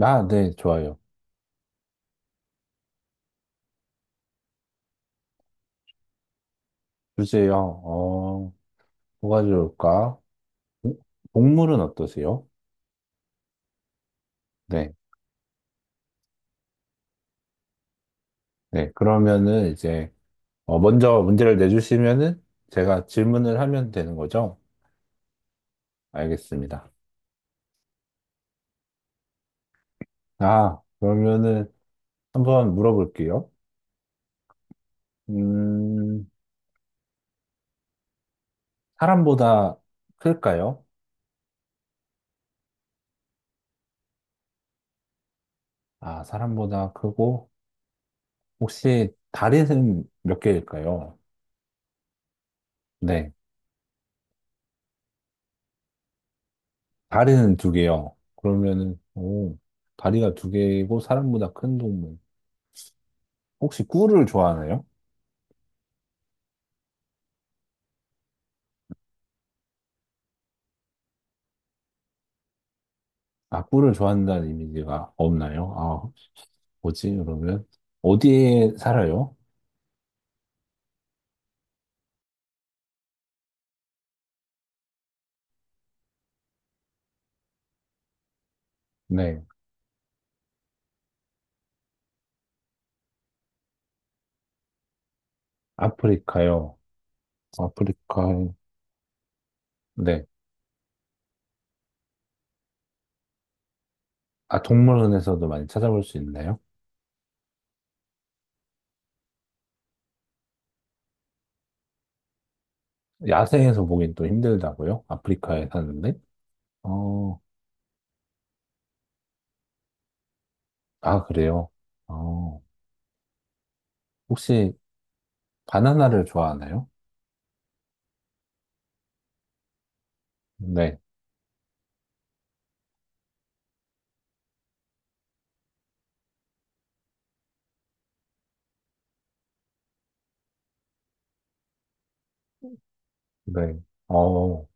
아, 네, 좋아요. 주제요. 어, 뭐가 좋을까? 동- 동물은 어떠세요? 네, 네. 그러면은 이제, 먼저 문제를 내주시면은 제가 질문을 하면 되는 거죠? 알겠습니다. 아, 그러면은 한번 물어볼게요. 음, 사람보다 클까요? 아, 사람보다 크고, 혹시 다리는 몇 개일까요? 네. 다리는 두 개요. 그러면은, 오, 다리가 두 개고 사람보다 큰 동물. 혹시 꿀을 좋아하나요? 아, 꿀을 좋아한다는 이미지가 없나요? 아, 뭐지? 그러면, 어디에 살아요? 네. 아프리카요. 아프리카, 네. 아, 동물원에서도 많이 찾아볼 수 있나요? 야생에서 보긴 또 힘들다고요? 아프리카에 사는데? 어, 아, 그래요? 어, 혹시 바나나를 좋아하나요? 네. 네. 어,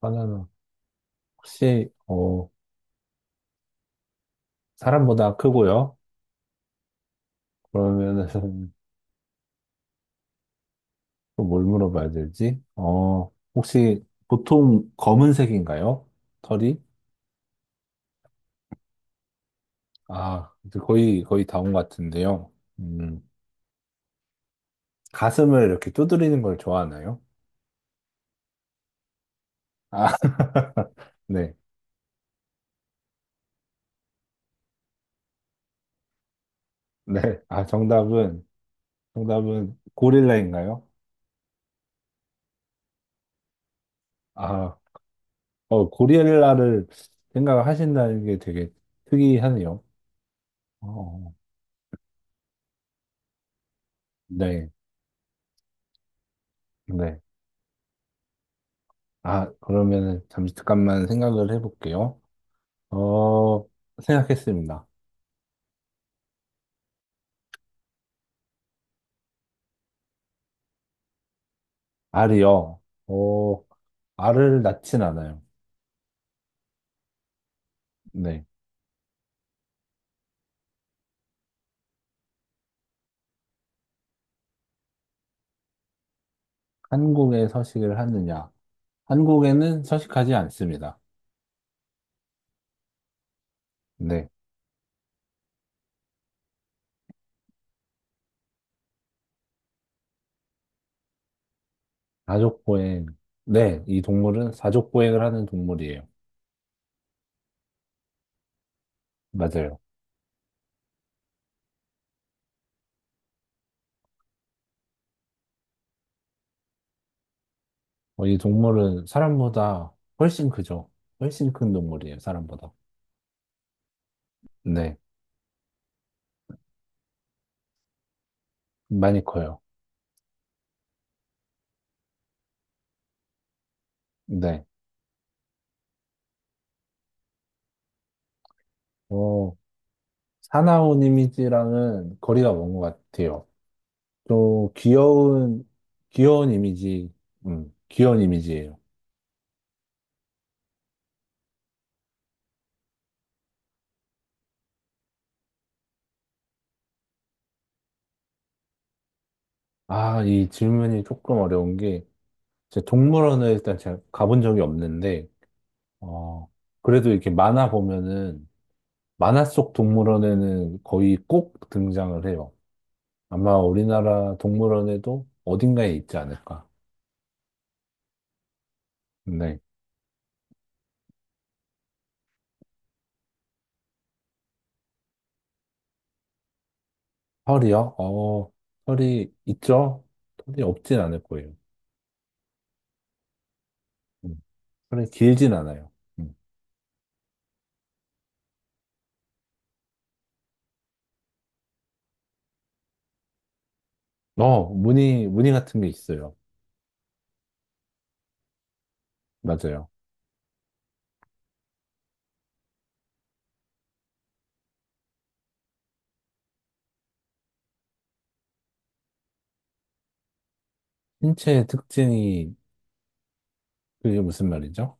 바나나. 혹시 사람보다 크고요? 그러면은 또 뭘 물어봐야 되지? 어 혹시 보통 검은색인가요? 털이? 아 이제 거의 다 온 것 같은데요. 음 가슴을 이렇게 두드리는 걸 좋아하나요? 아 네, 네. 아 정답은 고릴라인가요? 아 어 고릴라를 생각하신다는 게 되게 특이하네요. 어, 네, 네. 아, 그러면은 잠깐만 생각을 해볼게요. 어, 생각했습니다. 알이요. 어, 알을 낳진 않아요. 네. 한국에 서식을 하느냐? 한국에는 서식하지 않습니다. 네. 사족보행. 네, 이 동물은 사족보행을 하는 동물이에요. 맞아요. 이 동물은 사람보다 훨씬 크죠. 훨씬 큰 동물이에요, 사람보다. 네. 많이 커요. 네. 어, 사나운 이미지랑은 거리가 먼 것 같아요. 또 귀여운 귀여운 이미지, 귀여운 이미지예요. 아, 이 질문이 조금 어려운 게, 제 동물원을 일단 제가 가본 적이 없는데, 어, 그래도 이렇게 만화 보면은, 만화 속 동물원에는 거의 꼭 등장을 해요. 아마 우리나라 동물원에도 어딘가에 있지 않을까. 네. 털이요? 어, 털이 있죠? 털이 없진 않을 거예요. 음, 털이 길진 않아요. 음. 어, 무늬 같은 게 있어요. 맞아요. 신체의 특징이 그게 무슨 말이죠?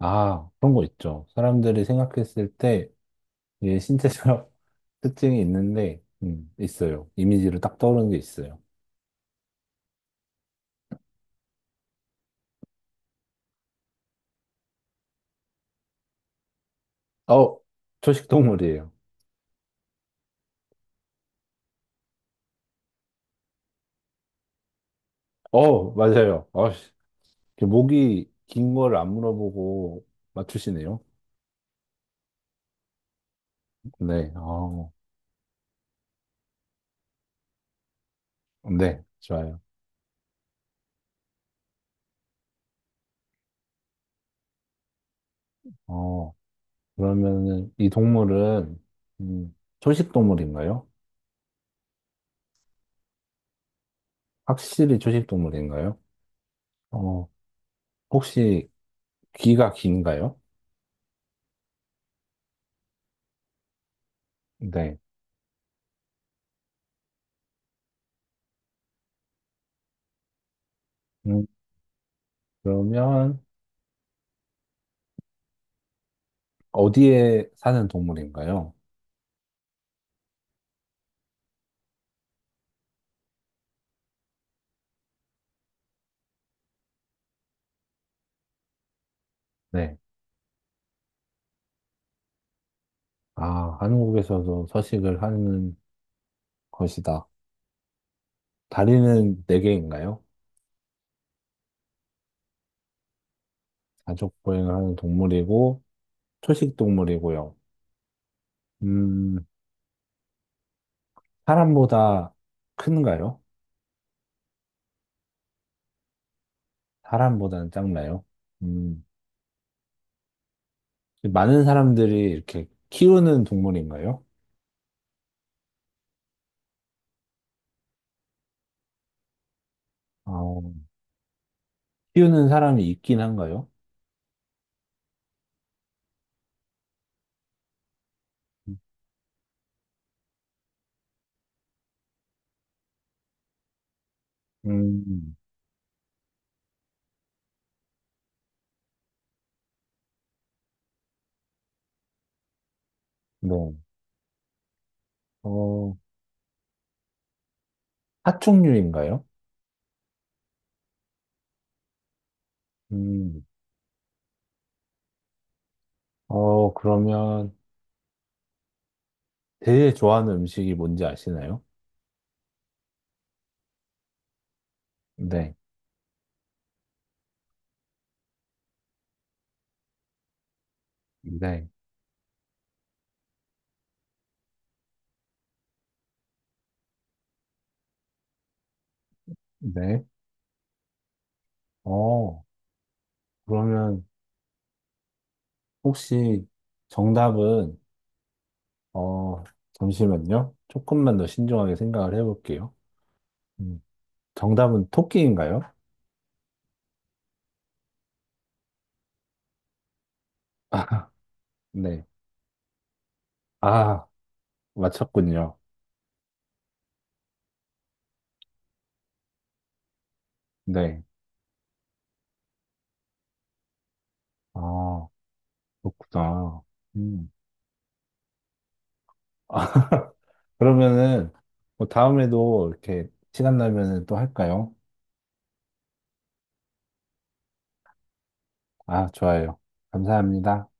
아, 그런 거 있죠. 사람들이 생각했을 때 이게 신체적 특징이 있는데 있어요. 이미지로 딱 떠오르는 게 있어요. 어, 초식동물이에요. 어, 맞아요. 어씨, 목이 긴 걸 안 물어보고 맞추시네요. 네, 어, 네, 좋아요. 어, 그러면은 이 동물은 음, 초식동물인가요? 확실히 초식동물인가요? 어, 혹시 귀가 긴가요? 네. 음, 그러면 어디에 사는 동물인가요? 네. 아, 한국에서도 서식을 하는 것이다. 다리는 네 개인가요? 가족 보행을 하는 동물이고 초식 동물이고요. 음, 사람보다 큰가요? 사람보다는 작나요? 음, 많은 사람들이 이렇게 키우는 동물인가요? 어, 키우는 사람이 있긴 한가요? 음, 네. 어, 파충류인가요? 음, 어, 그러면 제일 좋아하는 음식이 뭔지 아시나요? 네, 네. 네. 어, 그러면 혹시 정답은, 어, 잠시만요. 조금만 더 신중하게 생각을 해볼게요. 음, 정답은 토끼인가요? 아, 네. 아, 맞췄군요. 네. 아, 그렇구나. 음. 아, 그러면은, 뭐 다음에도 이렇게 시간 나면은 또 할까요? 아, 좋아요. 감사합니다.